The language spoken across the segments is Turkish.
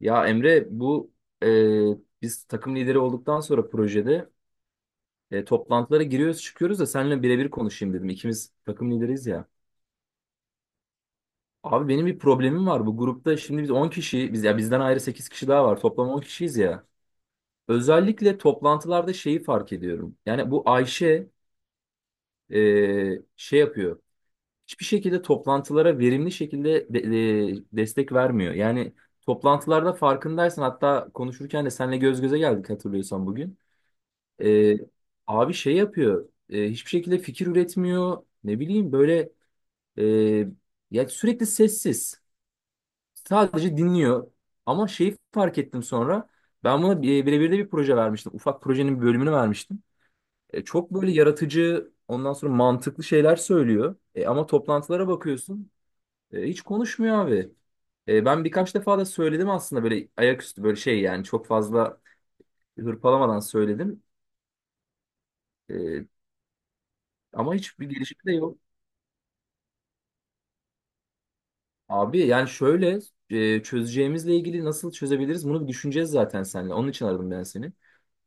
Ya Emre, biz takım lideri olduktan sonra projede, toplantılara giriyoruz çıkıyoruz da seninle birebir konuşayım dedim. İkimiz takım lideriyiz ya. Abi, benim bir problemim var bu grupta. Şimdi biz 10 kişi, biz ya bizden ayrı 8 kişi daha var, toplam 10 kişiyiz ya. Özellikle toplantılarda şeyi fark ediyorum. Yani bu Ayşe şey yapıyor. Hiçbir şekilde toplantılara verimli şekilde destek vermiyor. Yani toplantılarda farkındaysan, hatta konuşurken de seninle göz göze geldik hatırlıyorsan bugün. Ee, Abi şey yapıyor. Hiçbir şekilde fikir üretmiyor. Ne bileyim, böyle e, ya sürekli sessiz. Sadece dinliyor. Ama şeyi fark ettim sonra. Ben buna birebir de bir proje vermiştim. Ufak projenin bir bölümünü vermiştim. Çok böyle yaratıcı, ondan sonra mantıklı şeyler söylüyor. Ama toplantılara bakıyorsun, hiç konuşmuyor abi. Ben birkaç defa da söyledim aslında, böyle ayaküstü, böyle şey yani çok fazla hırpalamadan söyledim. E, Ama hiçbir gelişme de yok. Abi yani şöyle, çözeceğimizle ilgili nasıl çözebiliriz bunu bir düşüneceğiz zaten seninle. Onun için aradım ben seni.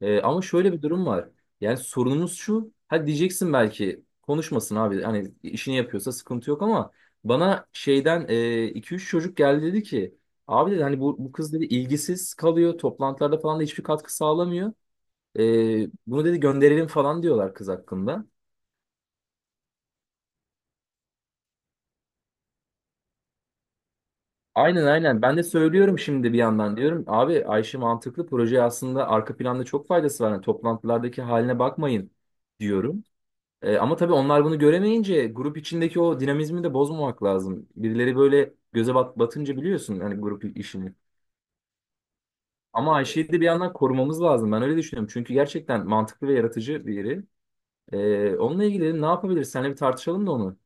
Ama şöyle bir durum var. Yani sorunumuz şu. Hadi diyeceksin, belki konuşmasın abi. Hani işini yapıyorsa sıkıntı yok ama bana şeyden iki üç çocuk geldi, dedi ki, abi dedi, hani bu kız dedi ilgisiz kalıyor. Toplantılarda falan da hiçbir katkı sağlamıyor. E, Bunu dedi, gönderelim falan diyorlar kız hakkında. Aynen, aynen. Ben de söylüyorum şimdi bir yandan. Diyorum, abi Ayşe mantıklı, proje aslında arka planda çok faydası var. Yani toplantılardaki haline bakmayın diyorum. Ama tabii onlar bunu göremeyince grup içindeki o dinamizmi de bozmamak lazım. Birileri böyle göze batınca biliyorsun hani grup işini. Ama Ayşe'yi de bir yandan korumamız lazım. Ben öyle düşünüyorum. Çünkü gerçekten mantıklı ve yaratıcı biri. Onunla ilgili ne yapabiliriz? Seninle bir tartışalım da onu.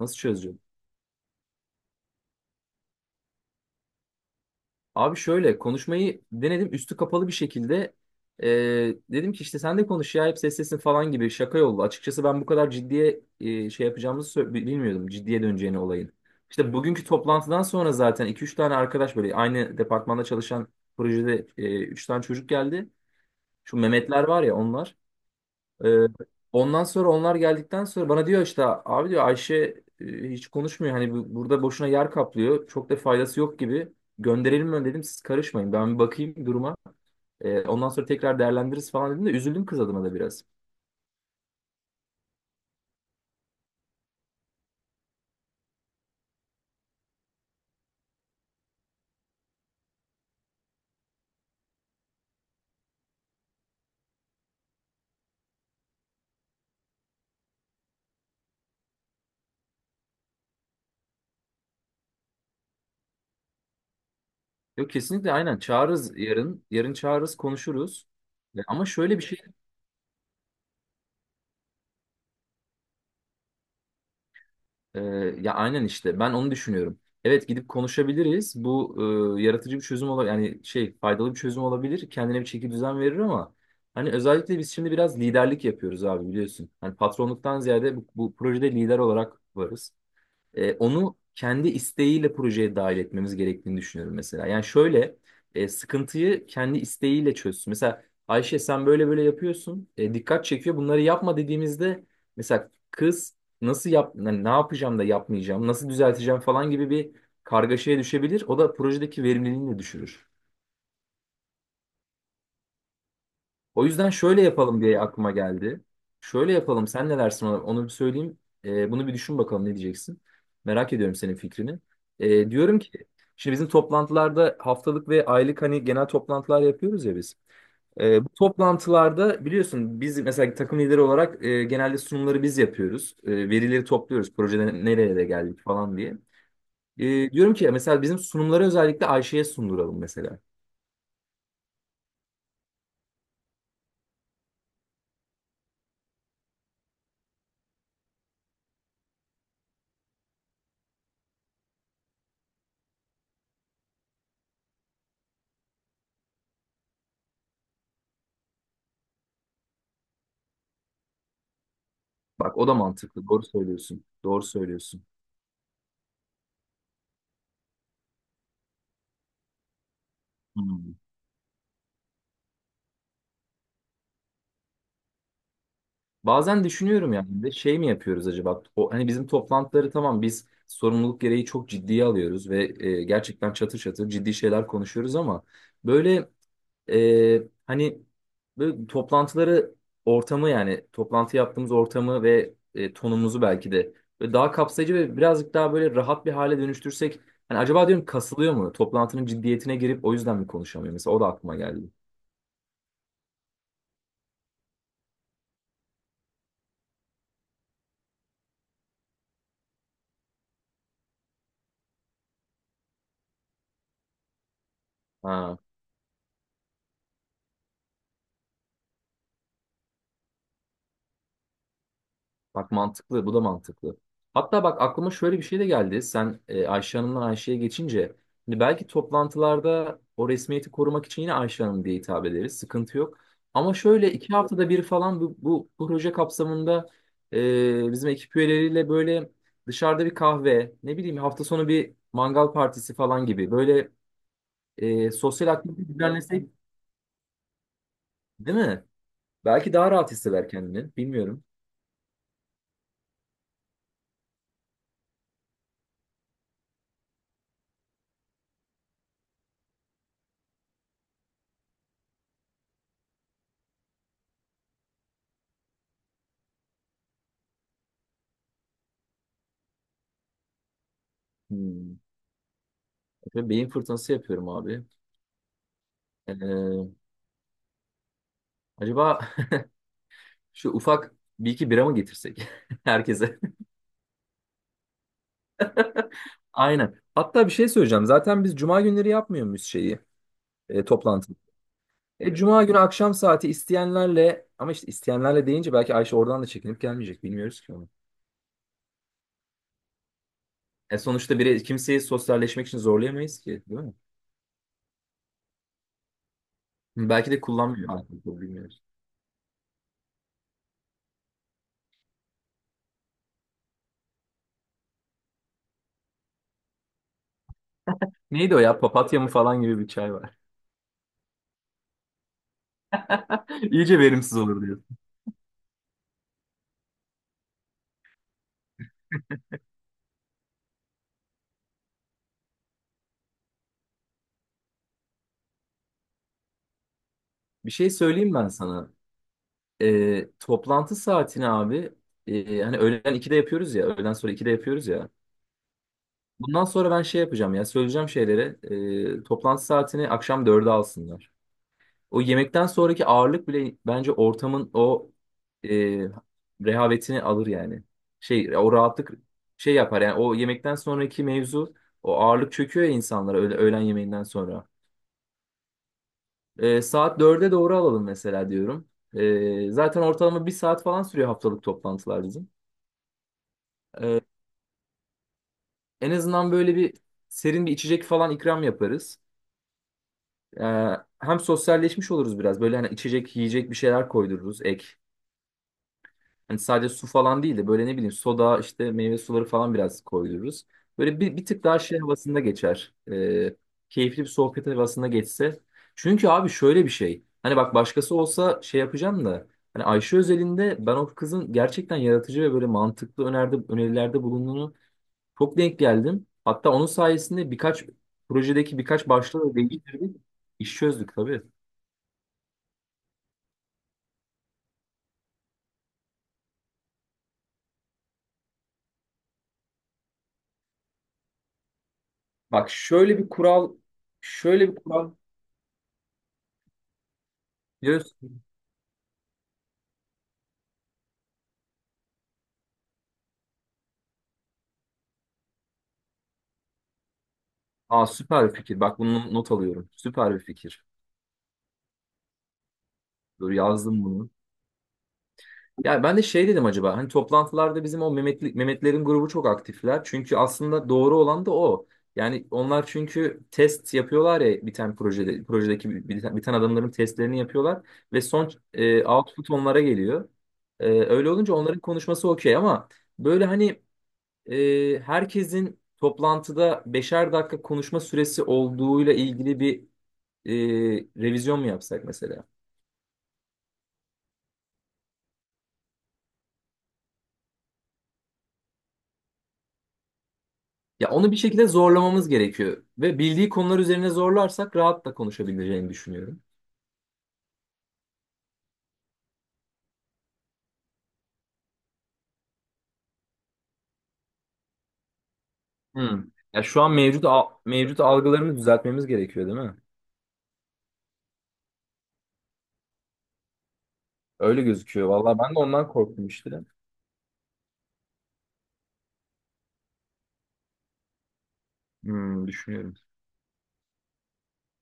Nasıl çözeceğiz? Abi, şöyle konuşmayı denedim üstü kapalı bir şekilde. Ee, Dedim ki, işte sen de konuş ya, hep seslesin falan gibi şaka yollu. Açıkçası ben bu kadar ciddiye şey yapacağımızı bilmiyordum. Ciddiye döneceğini olayın. İşte bugünkü toplantıdan sonra zaten iki üç tane arkadaş, böyle aynı departmanda çalışan projede, 3 tane çocuk geldi. Şu Mehmetler var ya, onlar. Ee, Ondan sonra onlar geldikten sonra bana diyor, işte abi diyor, Ayşe hiç konuşmuyor. Hani burada boşuna yer kaplıyor. Çok da faydası yok gibi. Gönderelim mi dedim, siz karışmayın. Ben bir bakayım duruma. Ondan sonra tekrar değerlendiririz falan dedim de üzüldüm kız adına da biraz. Yok, kesinlikle, aynen çağırırız yarın. Yarın çağırırız, konuşuruz. Ama şöyle bir şey. Ee, Ya aynen, işte ben onu düşünüyorum. Evet, gidip konuşabiliriz. Bu yaratıcı bir çözüm olabilir. Yani şey, faydalı bir çözüm olabilir. Kendine bir çeki düzen verir ama hani özellikle biz şimdi biraz liderlik yapıyoruz abi, biliyorsun. Hani patronluktan ziyade bu projede lider olarak varız. Onu kendi isteğiyle projeye dahil etmemiz gerektiğini düşünüyorum mesela. Yani şöyle, sıkıntıyı kendi isteğiyle çözsün. Mesela Ayşe, sen böyle böyle yapıyorsun. Dikkat çekiyor. Bunları yapma dediğimizde mesela kız nasıl yap yani, ne yapacağım da yapmayacağım, nasıl düzelteceğim falan gibi bir kargaşaya düşebilir. O da projedeki verimliliğini de düşürür. O yüzden şöyle yapalım diye aklıma geldi. Şöyle yapalım, sen ne dersin ona? Onu bir söyleyeyim. Bunu bir düşün bakalım, ne diyeceksin. Merak ediyorum senin fikrini. Diyorum ki, şimdi bizim toplantılarda haftalık ve aylık, hani genel toplantılar yapıyoruz ya biz. Bu toplantılarda biliyorsun, biz mesela takım lideri olarak genelde sunumları biz yapıyoruz. Verileri topluyoruz. Projede nereye de geldik falan diye. Diyorum ki, mesela bizim sunumları özellikle Ayşe'ye sunduralım mesela. Bak, o da mantıklı. Doğru söylüyorsun. Doğru söylüyorsun. Hmm. Bazen düşünüyorum yani, bir de şey mi yapıyoruz acaba? O, hani bizim toplantıları, tamam biz sorumluluk gereği çok ciddiye alıyoruz ve gerçekten çatır çatır ciddi şeyler konuşuyoruz ama böyle hani, böyle toplantıları, ortamı yani toplantı yaptığımız ortamı ve tonumuzu belki de böyle daha kapsayıcı ve birazcık daha böyle rahat bir hale dönüştürsek, hani acaba diyorum, kasılıyor mu? Toplantının ciddiyetine girip o yüzden mi konuşamıyor? Mesela o da aklıma geldi. Ha. Bak mantıklı, bu da mantıklı. Hatta bak, aklıma şöyle bir şey de geldi. Sen Ayşe Hanım'dan Ayşe'ye geçince. Şimdi belki toplantılarda o resmiyeti korumak için yine Ayşe Hanım diye hitap ederiz, sıkıntı yok. Ama şöyle 2 haftada bir falan bu proje kapsamında bizim ekip üyeleriyle böyle dışarıda bir kahve, ne bileyim hafta sonu bir mangal partisi falan gibi böyle sosyal aktivite düzenlesek, değil mi? Belki daha rahat hisseder kendini. Bilmiyorum. Hmm. Beyin fırtınası yapıyorum abi. Ee, Acaba şu ufak bir iki bira mı getirsek herkese? Aynen. Hatta bir şey söyleyeceğim. Zaten biz cuma günleri yapmıyor muyuz şeyi, toplantı? Cuma günü akşam saati isteyenlerle, ama işte isteyenlerle deyince belki Ayşe oradan da çekinip gelmeyecek. Bilmiyoruz ki onu. Sonuçta biri kimseyi sosyalleşmek için zorlayamayız ki, değil mi? Belki de kullanmıyor, alkol, bilmiyoruz. Neydi o ya? Papatya mı falan gibi bir çay var. İyice verimsiz olur diyor. Bir şey söyleyeyim ben sana. Toplantı saatini abi, hani öğlen 2'de yapıyoruz ya, öğleden sonra 2'de yapıyoruz ya. Bundan sonra ben şey yapacağım, ya söyleyeceğim şeylere, toplantı saatini akşam 4'e alsınlar. O yemekten sonraki ağırlık bile bence ortamın o e, rehavetini alır yani. Şey, o rahatlık şey yapar yani, o yemekten sonraki mevzu, o ağırlık çöküyor ya insanlara öyle öğlen yemeğinden sonra. Saat 4'e doğru alalım mesela diyorum. Zaten ortalama bir saat falan sürüyor haftalık toplantılar bizim. En azından böyle bir serin bir içecek falan ikram yaparız. Ee, Hem sosyalleşmiş oluruz biraz. Böyle, hani içecek, yiyecek bir şeyler koydururuz ek. Hani sadece su falan değil de böyle, ne bileyim, soda, işte meyve suları falan biraz koydururuz. Böyle bir tık daha şey havasında geçer. Keyifli bir sohbet havasında geçse. Çünkü abi şöyle bir şey. Hani bak, başkası olsa şey yapacağım da. Hani Ayşe özelinde ben o kızın gerçekten yaratıcı ve böyle mantıklı önerilerde bulunduğunu çok denk geldim. Hatta onun sayesinde birkaç projedeki birkaç başlığı da değiştirdik. İş çözdük tabii. Bak şöyle bir kural, şöyle bir kural. Biliyorsun. Aa, süper bir fikir. Bak bunu not alıyorum. Süper bir fikir. Dur, yazdım bunu. Ya ben de şey dedim, acaba hani toplantılarda bizim o Mehmetlerin grubu çok aktifler. Çünkü aslında doğru olan da o. Yani onlar çünkü test yapıyorlar ya, bir tane projedeki bir tane adamların testlerini yapıyorlar ve son output onlara geliyor. Öyle olunca onların konuşması okey ama böyle, hani herkesin toplantıda 5'er dakika konuşma süresi olduğuyla ilgili bir e, revizyon mu yapsak mesela? Ya onu bir şekilde zorlamamız gerekiyor ve bildiği konular üzerine zorlarsak rahatla konuşabileceğini düşünüyorum. Hmm. Ya şu an mevcut mevcut algılarını düzeltmemiz gerekiyor, değil mi? Öyle gözüküyor. Vallahi ben de ondan korktum işte. Hmm, düşünüyorum.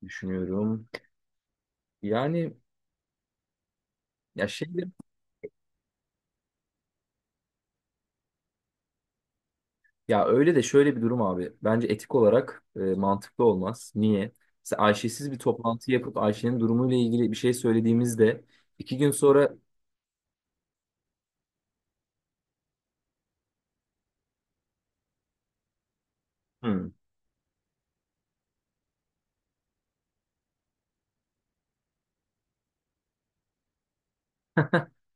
Düşünüyorum. Yani, ya şey, ya öyle de şöyle bir durum abi. Bence etik olarak mantıklı olmaz. Niye? Mesela Ayşe'siz bir toplantı yapıp Ayşe'nin durumuyla ilgili bir şey söylediğimizde 2 gün sonra... Hmm.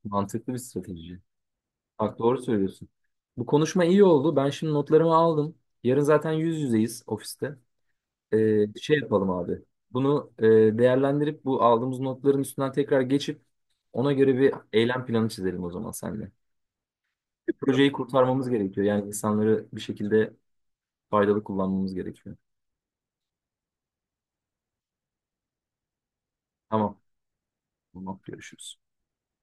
Mantıklı bir strateji. Bak doğru söylüyorsun. Bu konuşma iyi oldu. Ben şimdi notlarımı aldım. Yarın zaten yüz yüzeyiz ofiste. Şey yapalım abi. Bunu değerlendirip bu aldığımız notların üstünden tekrar geçip ona göre bir eylem planı çizelim o zaman seninle. Bir projeyi kurtarmamız gerekiyor. Yani insanları bir şekilde faydalı kullanmamız gerekiyor. Tamam. Tamam. Görüşürüz.